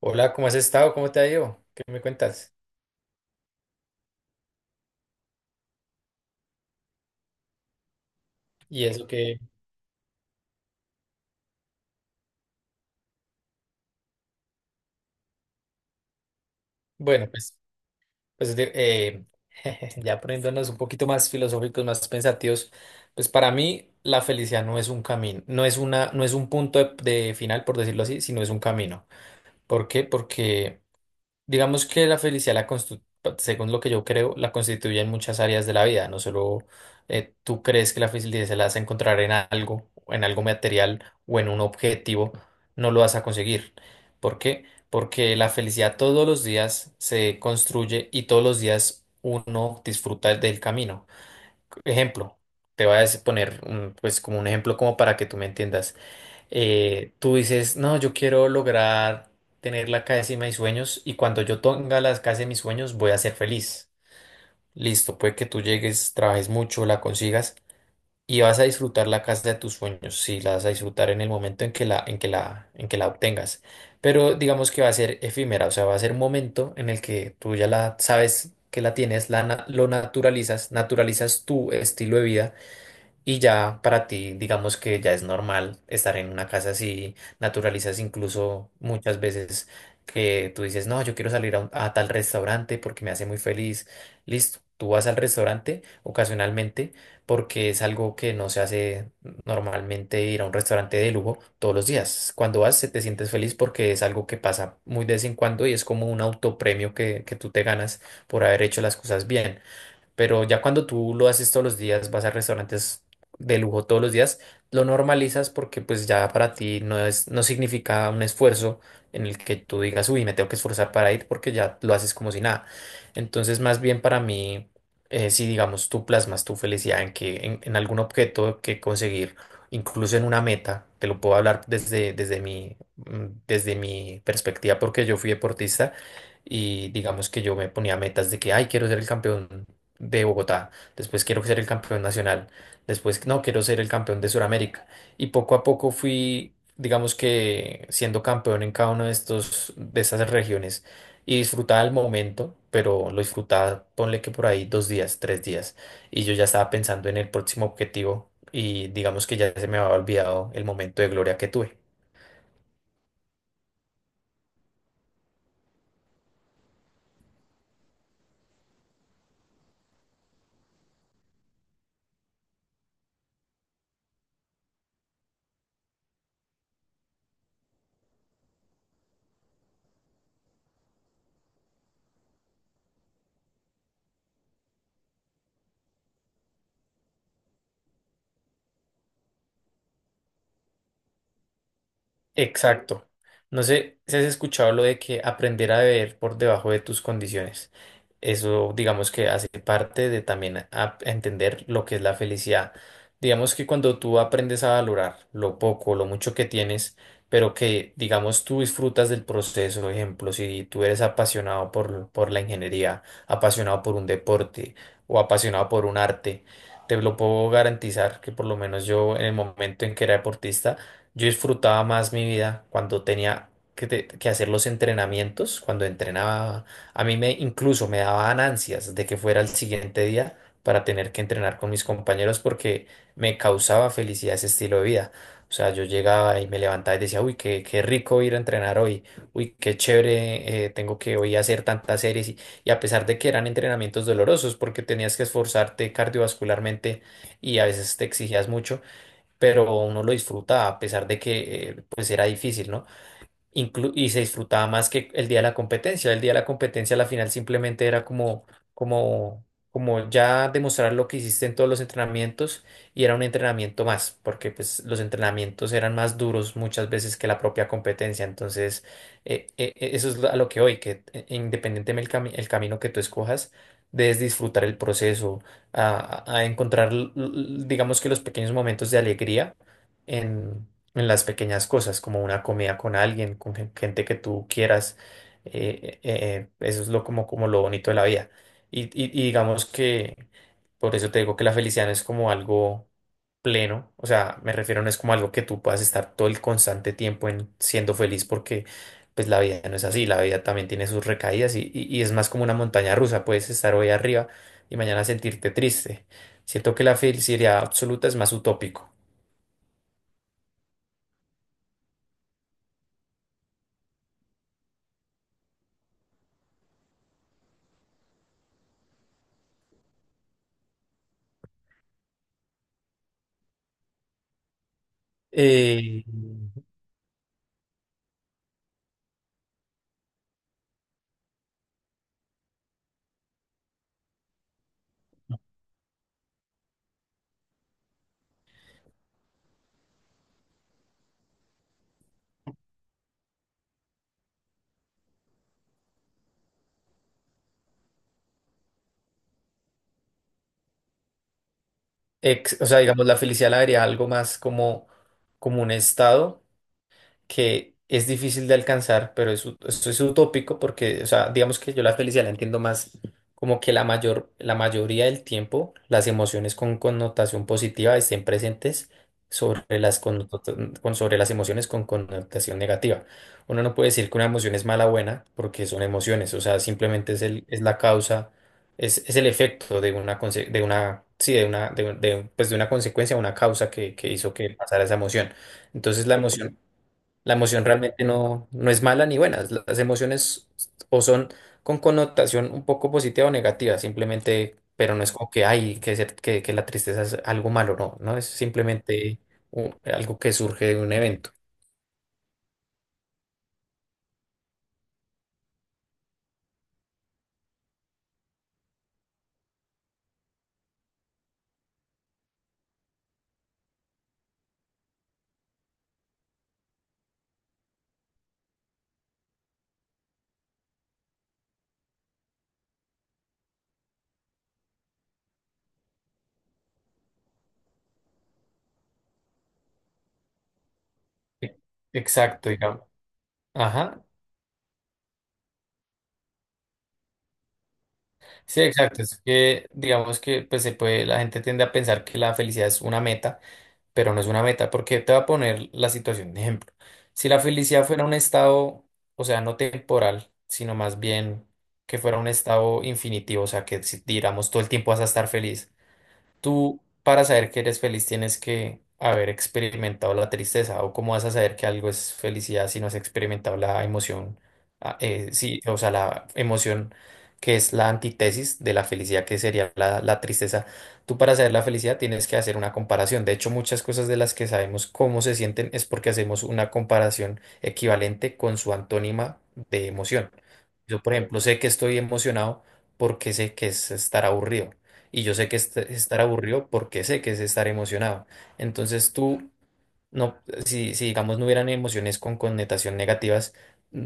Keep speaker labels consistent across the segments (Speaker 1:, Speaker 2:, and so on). Speaker 1: Hola, ¿cómo has estado? ¿Cómo te ha ido? ¿Qué me cuentas? Y eso que, bueno, pues, ya poniéndonos un poquito más filosóficos, más pensativos, pues para mí la felicidad no es un camino, no es un punto de final, por decirlo así, sino es un camino. ¿Por qué? Porque digamos que la felicidad, según lo que yo creo, la constituye en muchas áreas de la vida. No solo tú crees que la felicidad se la vas a encontrar en algo, o en algo material o en un objetivo, no lo vas a conseguir. ¿Por qué? Porque la felicidad todos los días se construye y todos los días uno disfruta del camino. Ejemplo, te voy a poner un, pues como un ejemplo como para que tú me entiendas. Eh, tú dices, no, yo quiero lograr tener la casa de mis sueños y cuando yo tenga la casa de mis sueños voy a ser feliz. Listo, puede que tú llegues, trabajes mucho, la consigas y vas a disfrutar la casa de tus sueños, si la vas a disfrutar en el momento en que la, en que la obtengas. Pero digamos que va a ser efímera, o sea, va a ser un momento en el que tú ya la sabes que la tienes, lo naturalizas, naturalizas tu estilo de vida y ya para ti, digamos que ya es normal estar en una casa así, naturalizas incluso muchas veces que tú dices, no, yo quiero salir a tal restaurante porque me hace muy feliz. Listo, tú vas al restaurante ocasionalmente porque es algo que no se hace normalmente ir a un restaurante de lujo todos los días. Cuando vas, se te sientes feliz porque es algo que pasa muy de vez en cuando y es como un autopremio que tú te ganas por haber hecho las cosas bien. Pero ya cuando tú lo haces todos los días, vas a restaurantes de lujo todos los días, lo normalizas porque pues ya para ti no es, no significa un esfuerzo en el que tú digas, uy, me tengo que esforzar para ir porque ya lo haces como si nada. Entonces, más bien para mí, si digamos tú plasmas tu felicidad en en algún objeto que conseguir, incluso en una meta, te lo puedo hablar desde, desde mi perspectiva porque yo fui deportista y digamos que yo me ponía metas de que, ay, quiero ser el campeón de Bogotá, después quiero ser el campeón nacional, después no, quiero ser el campeón de Sudamérica. Y poco a poco fui, digamos que siendo campeón en cada una de de estas regiones y disfrutaba el momento, pero lo disfrutaba, ponle que por ahí dos días, tres días, y yo ya estaba pensando en el próximo objetivo y digamos que ya se me había olvidado el momento de gloria que tuve. Exacto. No sé si has escuchado lo de que aprender a beber por debajo de tus condiciones. Eso, digamos que hace parte de también a entender lo que es la felicidad. Digamos que cuando tú aprendes a valorar lo poco, lo mucho que tienes, pero que, digamos, tú disfrutas del proceso, por ejemplo, si tú eres apasionado por la ingeniería, apasionado por un deporte o apasionado por un arte, te lo puedo garantizar que por lo menos yo en el momento en que era deportista, yo disfrutaba más mi vida cuando tenía que hacer los entrenamientos, cuando entrenaba. A mí me incluso me daban ansias de que fuera el siguiente día para tener que entrenar con mis compañeros porque me causaba felicidad ese estilo de vida. O sea, yo llegaba y me levantaba y decía, uy, qué rico ir a entrenar hoy, uy, qué chévere, tengo que hoy hacer tantas series. Y a pesar de que eran entrenamientos dolorosos porque tenías que esforzarte cardiovascularmente y a veces te exigías mucho, pero uno lo disfruta a pesar de que pues era difícil, ¿no? Y se disfrutaba más que el día de la competencia. El día de la competencia, la final simplemente era como, como, como ya demostrar lo que hiciste en todos los entrenamientos y era un entrenamiento más, porque pues los entrenamientos eran más duros muchas veces que la propia competencia. Entonces, eso es a lo que hoy, que independientemente del el camino que tú escojas, debes disfrutar el proceso, a encontrar, digamos que los pequeños momentos de alegría en las pequeñas cosas, como una comida con alguien, con gente que tú quieras. Eso es lo, como, como lo bonito de la vida. Y digamos que por eso te digo que la felicidad no es como algo pleno, o sea, me refiero no es como algo que tú puedas estar todo el constante tiempo en siendo feliz porque pues la vida no es así, la vida también tiene sus recaídas y, y es más como una montaña rusa, puedes estar hoy arriba y mañana sentirte triste. Siento que la felicidad absoluta es más utópico. Eh, o sea, digamos, la felicidad la vería algo más como, como un estado que es difícil de alcanzar, pero es, esto es utópico porque, o sea, digamos que yo la felicidad la entiendo más como que la mayoría del tiempo las emociones con connotación positiva estén presentes sobre sobre las emociones con connotación negativa. Uno no puede decir que una emoción es mala o buena porque son emociones, o sea, simplemente es el, es la causa, es el efecto de una, conse- de una, sí, de una, de un- pues de una consecuencia, una causa que hizo que pasara esa emoción. Entonces la emoción la emoción realmente no, no es mala ni buena. Las emociones o son con connotación un poco positiva o negativa, simplemente, pero no es como que hay que ser que la tristeza es algo malo, no, no es simplemente algo que surge de un evento. E- Exacto, digamos. Ajá. Sí, exacto. Es que digamos que pues se puede, la gente tiende a pensar que la felicidad es una meta, pero no es una meta, porque te voy a poner la situación de ejemplo. Si la felicidad fuera un estado, o sea, no temporal, sino más bien que fuera un estado infinitivo, o sea, que si, digamos todo el tiempo vas a estar feliz, tú, para saber que eres feliz, tienes que haber experimentado la tristeza. ¿O cómo vas a saber que algo es felicidad si no has experimentado la emoción? Sí, o sea, la emoción que es la antítesis de la felicidad, que sería la tristeza. Tú, para saber la felicidad, tienes que hacer una comparación. De hecho, muchas cosas de las que sabemos cómo se sienten es porque hacemos una comparación equivalente con su antónima de emoción. Yo, por ejemplo, sé que estoy emocionado porque sé que es estar aburrido y yo sé que es estar aburrido porque sé que es estar emocionado. Entonces tú no, si digamos no hubieran emociones con connotación negativas,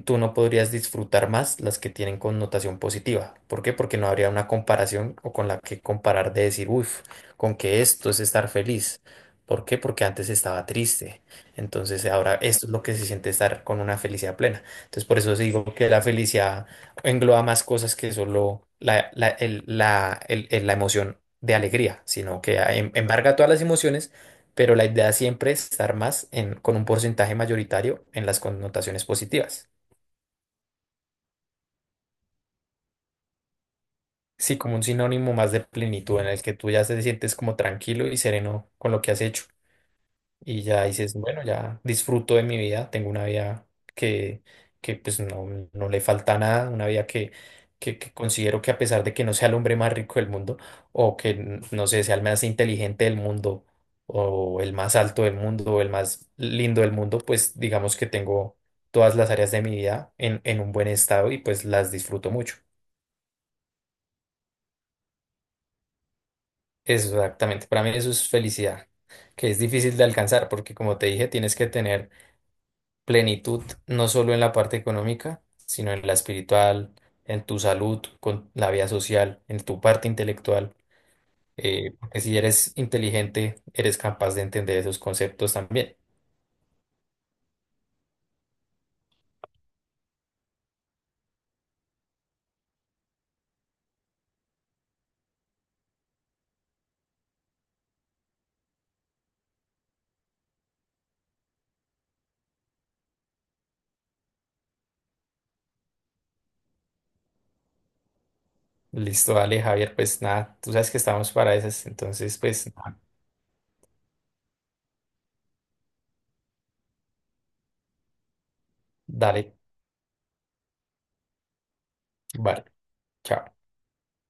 Speaker 1: tú no podrías disfrutar más las que tienen connotación positiva. ¿Por qué? Porque no habría una comparación o con la que comparar de decir, uff, con que esto es estar feliz. ¿Por qué? Porque antes estaba triste. Entonces ahora esto es lo que se siente estar con una felicidad plena. Entonces por eso digo que la felicidad engloba más cosas que solo la emoción de alegría, sino que embarga todas las emociones, pero la idea siempre es estar más con un porcentaje mayoritario en las connotaciones positivas. Sí, como un sinónimo más de plenitud en el que tú ya te sientes como tranquilo y sereno con lo que has hecho. Y ya dices, bueno, ya disfruto de mi vida, tengo una vida que, que pues no, no le falta nada, una vida que considero que a pesar de que no sea el hombre más rico del mundo, o que no sé, sea el más inteligente del mundo, o el más alto del mundo, o el más lindo del mundo, pues digamos que tengo todas las áreas de mi vida en un buen estado y pues las disfruto mucho. Exactamente, para mí eso es felicidad, que es difícil de alcanzar porque como te dije, tienes que tener plenitud, no solo en la parte económica, sino en la espiritual, en tu salud, con la vida social, en tu parte intelectual. Porque si eres inteligente, eres capaz de entender esos conceptos también. Listo, dale, Javier, pues nada, tú sabes que estamos para esas, entonces pues dale, vale, chao.